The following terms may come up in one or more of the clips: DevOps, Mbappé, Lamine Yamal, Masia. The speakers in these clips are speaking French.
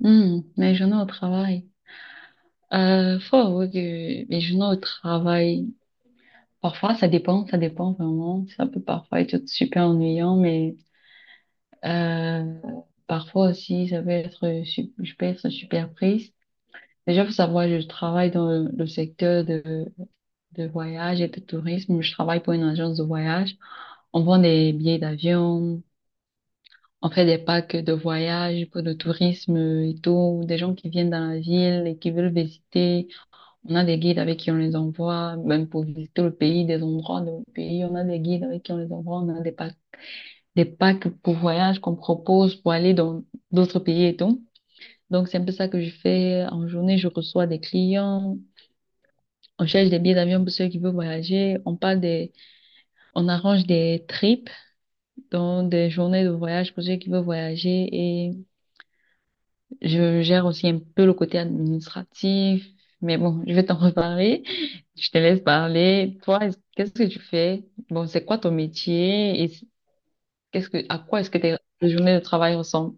Hmm, mes journées au travail. Faut avouer que mes journées au travail, parfois ça dépend vraiment. Ça peut parfois être super ennuyant, mais euh, parfois aussi ça peut être, je peux être super prise. Déjà, faut savoir, je travaille dans le secteur de voyage et de tourisme. Je travaille pour une agence de voyage. On vend des billets d'avion, on fait des packs de voyage pour le tourisme et tout, des gens qui viennent dans la ville et qui veulent visiter. On a des guides avec qui on les envoie, même pour visiter le pays, des endroits de pays. On a des guides avec qui on les envoie. On a des packs pour voyage qu'on propose pour aller dans d'autres pays et tout. Donc, c'est un peu ça que je fais en journée. Je reçois des clients. On cherche des billets d'avion pour ceux qui veulent voyager. On parle des, on arrange des trips, donc des journées de voyage pour ceux qui veulent voyager. Je gère aussi un peu le côté administratif, mais bon, je vais t'en reparler. Je te laisse parler. Toi, est qu'est-ce que tu fais? Bon, c'est quoi ton métier et qu'est-ce que, à quoi est-ce que tes journées de travail ressemblent?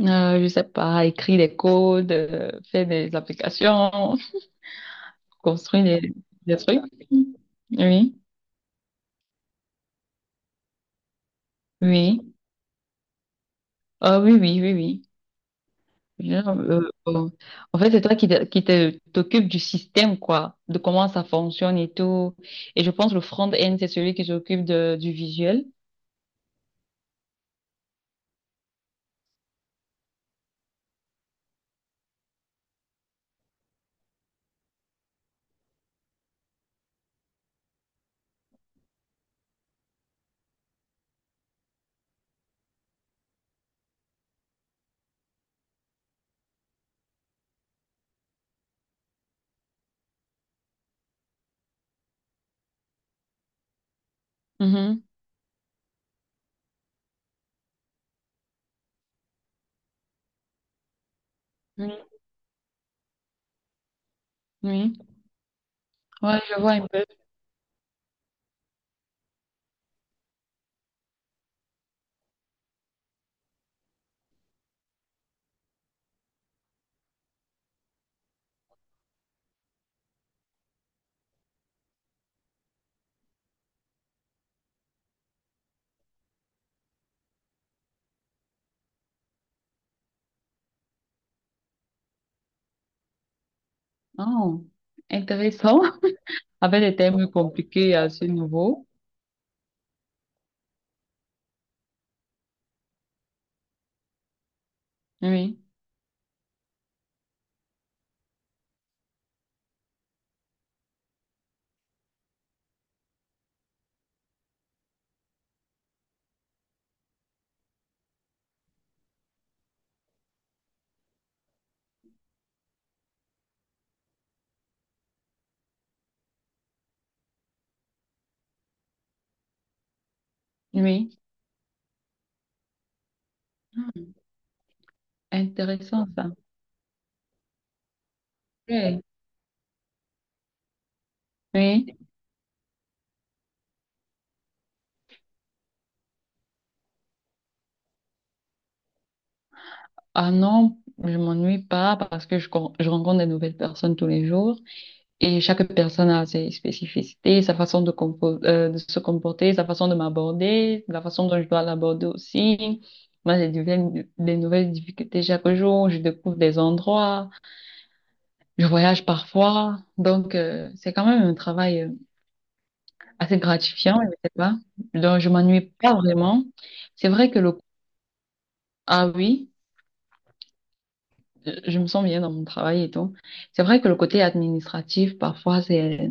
Je sais pas, écrire des codes, faire des applications, construire des trucs. Oui, oui. Ah oui, oui, oui, oui. Je- euh, euh, En fait, c'est toi qui t'occupes du système, quoi, de comment ça fonctionne et tout. Et je pense que le front-end, c'est celui qui s'occupe de, du visuel. Mhm. Oui, oui. Ouais, je vois un peu. Oh, intéressant. Avec des thèmes compliqués à ce niveau. Oui, oui. Intéressant, ça. Oui. Oui. Ah non, je m'ennuie pas parce que je rencontre des nouvelles personnes tous les jours. Et chaque personne a ses spécificités, sa façon de, de se comporter, sa façon de m'aborder, la façon dont je dois l'aborder aussi. Moi, j'ai des nouvelles difficultés chaque jour, je découvre des endroits, je voyage parfois. Donc, c'est quand même un travail assez gratifiant, je sais pas. Donc, je m'ennuie pas vraiment. C'est vrai que le… Ah oui, je me sens bien dans mon travail et tout. C'est vrai que le côté administratif, parfois, c'est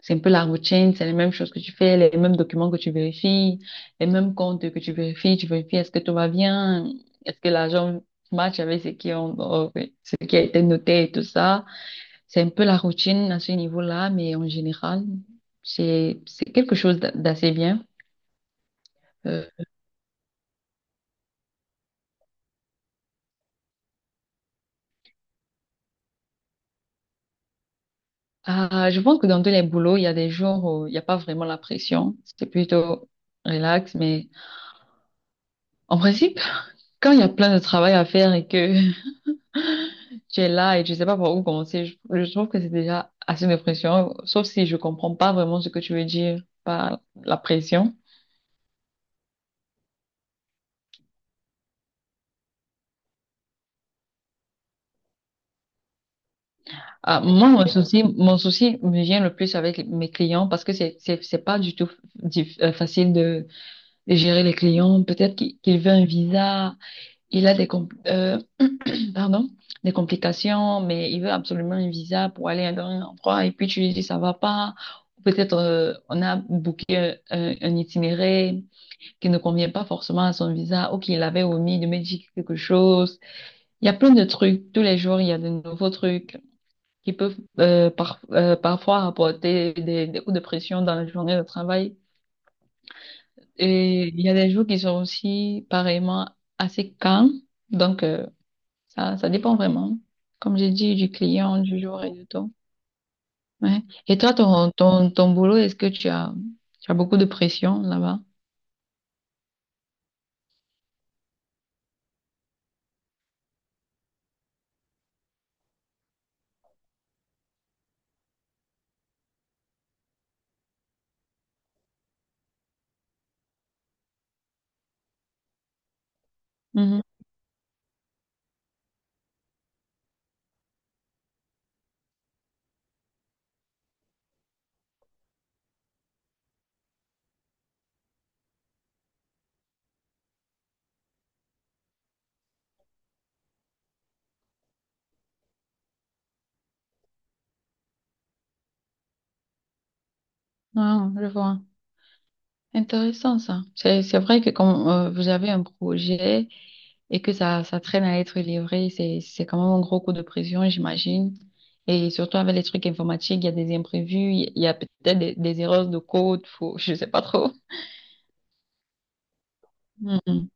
C'est un peu la routine, c'est les mêmes choses que tu fais, les mêmes documents que tu vérifies, les mêmes comptes que tu vérifies. Tu vérifies est-ce que tout va bien, est-ce que l'argent match avec ce qui a été noté et tout ça. C'est un peu la routine à ce niveau-là, mais en général, c'est quelque chose d'assez bien. Euh, ah, je pense que dans tous les boulots, il y a des jours où il n'y a pas vraiment la pression. C'est plutôt relax, mais en principe, quand il y a plein de travail à faire et que tu es là et tu sais pas par où commencer. Je trouve que c'est déjà assez de pression, sauf si je comprends pas vraiment ce que tu veux dire par la pression. Ah, moi, mon souci me vient le plus avec mes clients parce que c'est pas du tout facile de gérer les clients. Peut-être qu'il veut un visa, il a des pardon, des complications, mais il veut absolument un visa pour aller dans un endroit et puis tu lui dis ça va pas. Peut-être on a booké un, un itinéraire qui ne convient pas forcément à son visa ou qu'il avait omis de modifier quelque chose. Il y a plein de trucs. Tous les jours, il y a de nouveaux trucs qui peuvent parfois apporter des coups de pression dans la journée de travail. Et il y a des jours qui sont aussi pareillement assez calmes. Donc, ça, ça dépend vraiment, comme j'ai dit, du client, du jour et du temps. Ouais. Et toi, ton boulot, est-ce que tu as beaucoup de pression là-bas? Mhm. Ah, je vois. Intéressant ça. C'est vrai que quand vous avez un projet et que ça traîne à être livré, c'est quand même un gros coup de pression, j'imagine. Et surtout avec les trucs informatiques, il y a des imprévus, il y a peut-être des erreurs de code, faut, je sais pas trop. Mhm.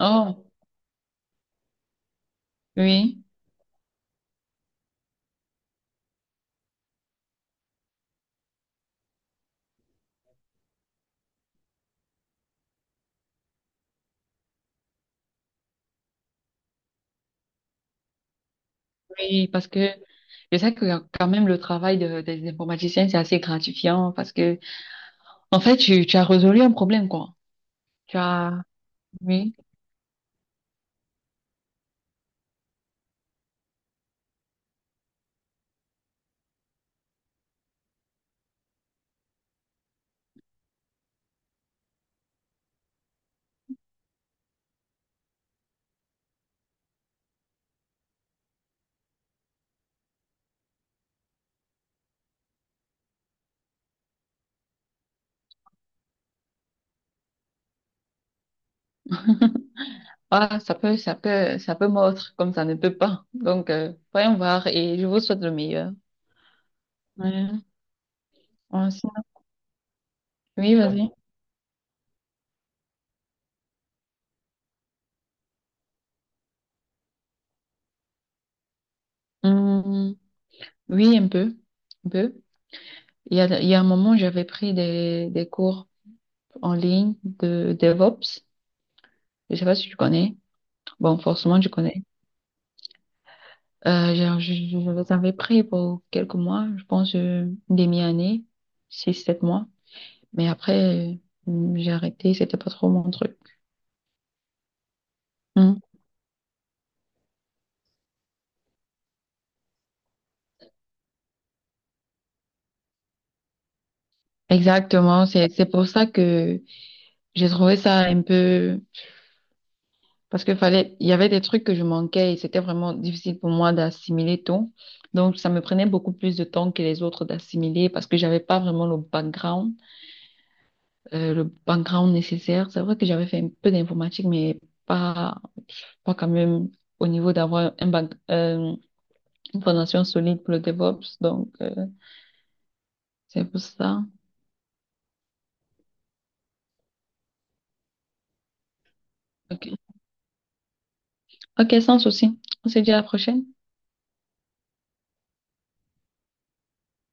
Oh, oui. Oui, parce que je sais que quand même le travail des informaticiens, c'est assez gratifiant parce que, en fait, tu as résolu un problème, quoi. Tu as, oui, ah, ça peut, ça peut, ça peut mordre comme ça ne peut pas. Donc, voyons voir et je vous souhaite le meilleur. Ouais. Ouais, sinon- Oui, vas-y. Hum, oui, un peu, un peu. Il y a un moment, j'avais pris des cours en ligne de DevOps. Je sais pas si tu connais. Bon, forcément, tu connais. Je les avais pris pour quelques mois, je pense une demi-année, six, sept mois. Mais après, j'ai arrêté, c'était pas trop mon truc. Mm. Exactement, c'est pour ça que j'ai trouvé ça un peu parce que fallait il y avait des trucs que je manquais et c'était vraiment difficile pour moi d'assimiler tout. Donc ça me prenait beaucoup plus de temps que les autres d'assimiler parce que j'avais pas vraiment le background nécessaire. C'est vrai que j'avais fait un peu d'informatique mais pas pas quand même au niveau d'avoir une fondation solide pour le DevOps. Donc, c'est pour ça. OK. OK, sans souci. On se dit à la prochaine.